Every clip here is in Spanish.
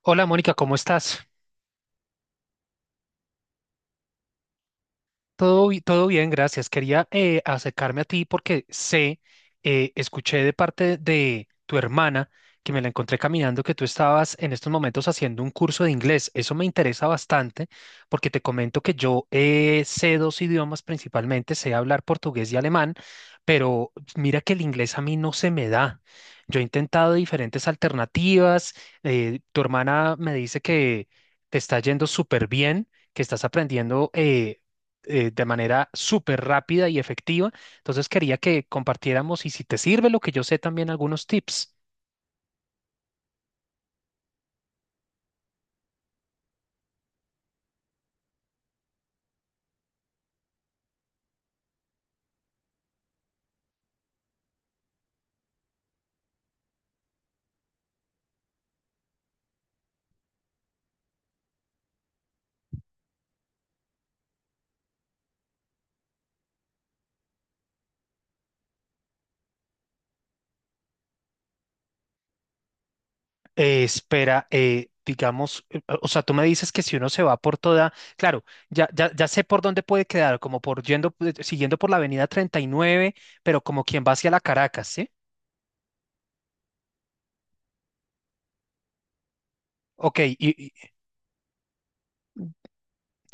Hola Mónica, ¿cómo estás? Todo bien, gracias. Quería acercarme a ti porque escuché de parte de tu hermana que me la encontré caminando que tú estabas en estos momentos haciendo un curso de inglés. Eso me interesa bastante porque te comento que yo sé dos idiomas principalmente, sé hablar portugués y alemán, pero mira que el inglés a mí no se me da. Yo he intentado diferentes alternativas. Tu hermana me dice que te está yendo súper bien, que estás aprendiendo de manera súper rápida y efectiva. Entonces quería que compartiéramos y si te sirve lo que yo sé también algunos tips. Espera, digamos, o sea, tú me dices que si uno se va por toda, claro, ya, ya, ya sé por dónde puede quedar, como por yendo, siguiendo por la avenida 39, pero como quien va hacia la Caracas, ¿sí? Ok,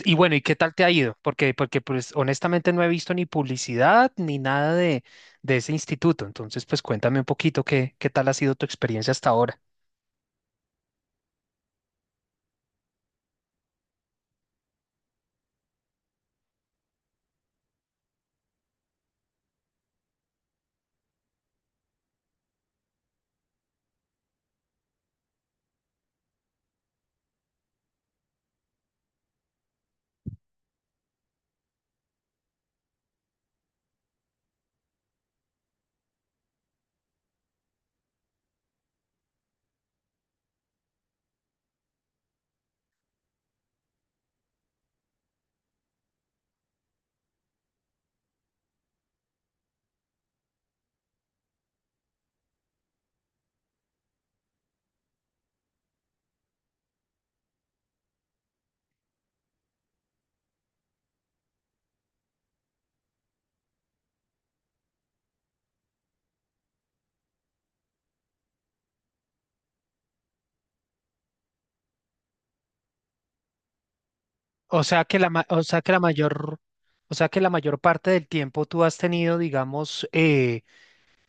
y bueno, ¿y qué tal te ha ido? Porque pues honestamente no he visto ni publicidad ni nada de, de ese instituto. Entonces, pues cuéntame un poquito qué tal ha sido tu experiencia hasta ahora. O sea que la, ma- o sea que la mayor, O sea que la mayor parte del tiempo tú has tenido, digamos, eh,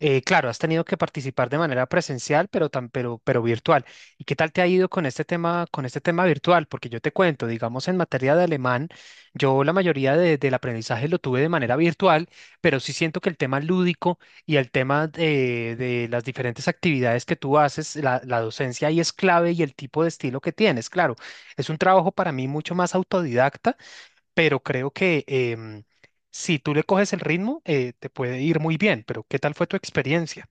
eh, claro, has tenido que participar de manera presencial, pero virtual. ¿Y qué tal te ha ido con este tema virtual? Porque yo te cuento, digamos, en materia de alemán, yo la mayoría del aprendizaje lo tuve de manera virtual, pero sí siento que el tema lúdico y el tema de las diferentes actividades que tú haces, la docencia ahí es clave y el tipo de estilo que tienes. Claro, es un trabajo para mí mucho más autodidacta, pero creo que si tú le coges el ritmo, te puede ir muy bien, pero ¿qué tal fue tu experiencia?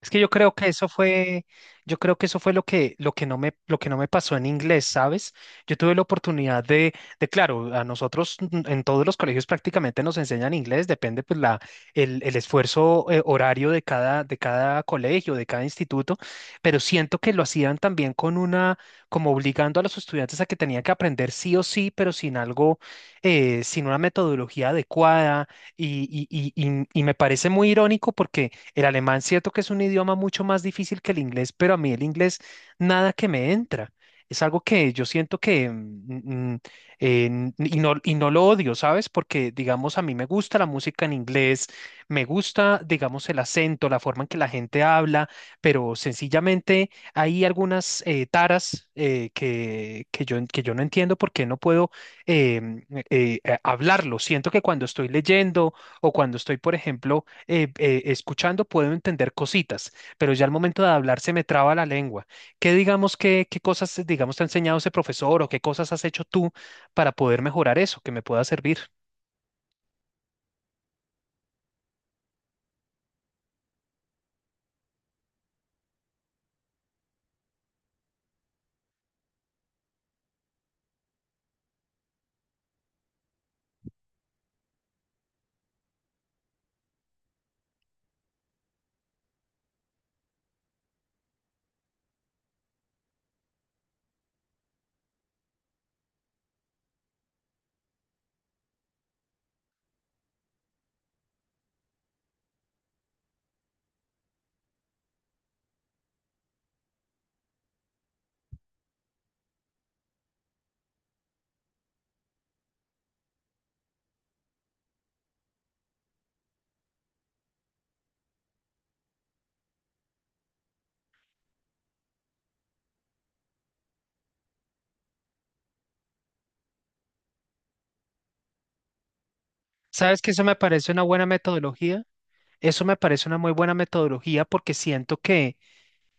Es que yo creo que eso fue, Yo creo que eso fue lo que, lo que no me pasó en inglés, ¿sabes? Yo tuve la oportunidad claro, a nosotros mm, en todos los colegios prácticamente nos enseñan inglés, depende pues el esfuerzo horario de cada colegio, de cada instituto, pero siento que lo hacían también con una, como obligando a los estudiantes a que tenían que aprender sí o sí, pero sin algo, sin una metodología adecuada, y me parece muy irónico porque el alemán, cierto que es un idioma mucho más difícil que el inglés, pero a mí el inglés nada que me entra. Es algo que yo siento que, y no lo odio, ¿sabes? Porque, digamos, a mí me gusta la música en inglés, me gusta, digamos, el acento, la forma en que la gente habla, pero sencillamente hay algunas taras que yo no entiendo por qué no puedo em, hablarlo. Siento que cuando estoy leyendo o cuando estoy, por ejemplo, escuchando puedo entender cositas, pero ya al momento de hablar se me traba la lengua. Qué cosas, digamos, te ha enseñado ese profesor o qué cosas has hecho tú para poder mejorar eso, que me pueda servir? ¿Sabes que eso me parece una buena metodología? Eso me parece una muy buena metodología porque siento que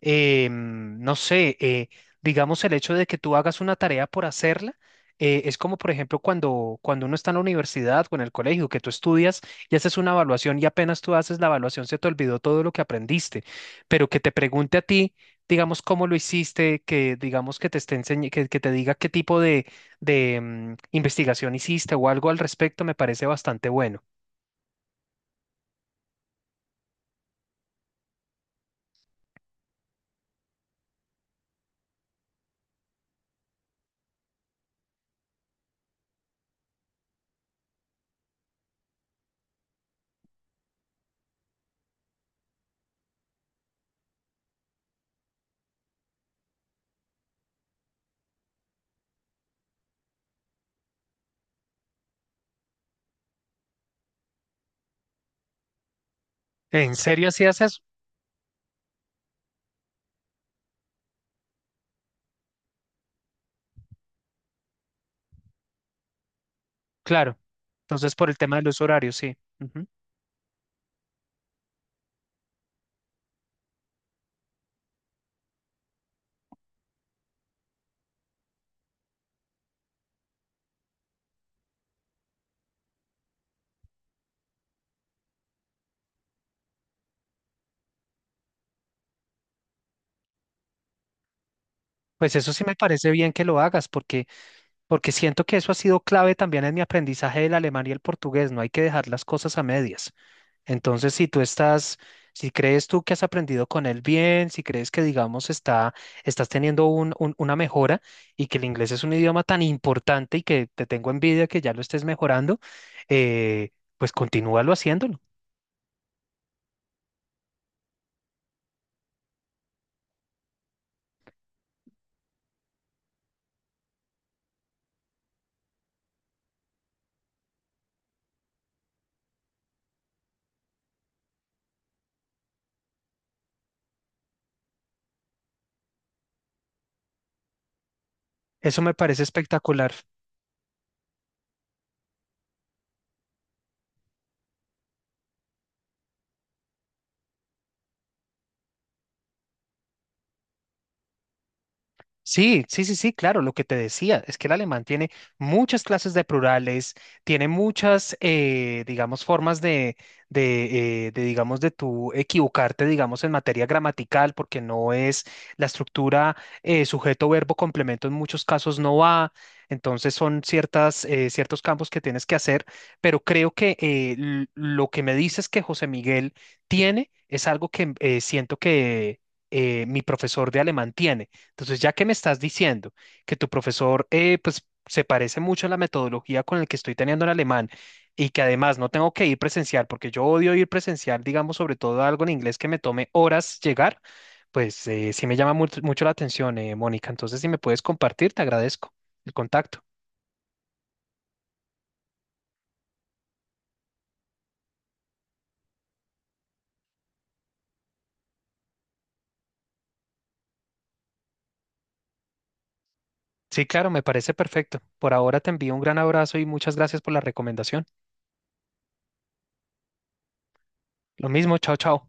no sé, digamos el hecho de que tú hagas una tarea por hacerla, es como por ejemplo cuando uno está en la universidad o en el colegio, que tú estudias y haces una evaluación y apenas tú haces la evaluación se te olvidó todo lo que aprendiste, pero que te pregunte a ti, digamos, cómo lo hiciste, que digamos que te esté enseñ- que te diga qué tipo de investigación hiciste o algo al respecto, me parece bastante bueno. ¿En serio así haces? Claro. Entonces, por el tema de los horarios, sí. Pues eso sí me parece bien que lo hagas, porque, porque siento que eso ha sido clave también en mi aprendizaje del alemán y el portugués. No hay que dejar las cosas a medias. Entonces, si crees tú que has aprendido con él bien, si crees que, digamos, está, estás teniendo una mejora y que el inglés es un idioma tan importante y que te tengo envidia que ya lo estés mejorando, pues continúalo haciéndolo. Eso me parece espectacular. Sí, sí, sí, sí, claro, lo que te decía es que el alemán tiene muchas clases de plurales, tiene muchas, digamos, formas de, digamos, de tú equivocarte, digamos, en materia gramatical, porque no es la estructura sujeto, verbo, complemento, en muchos casos no va, entonces son ciertas, ciertos campos que tienes que hacer, pero creo que lo que me dices que José Miguel tiene es algo que siento que mi profesor de alemán tiene, entonces, ya que me estás diciendo que tu profesor, pues, se parece mucho a la metodología con la que estoy teniendo el alemán, y que además no tengo que ir presencial, porque yo odio ir presencial, digamos, sobre todo algo en inglés que me tome horas llegar, pues sí me llama mucho la atención, Mónica. Entonces, si me puedes compartir, te agradezco el contacto. Sí, claro, me parece perfecto. Por ahora te envío un gran abrazo y muchas gracias por la recomendación. Lo mismo, chao, chao.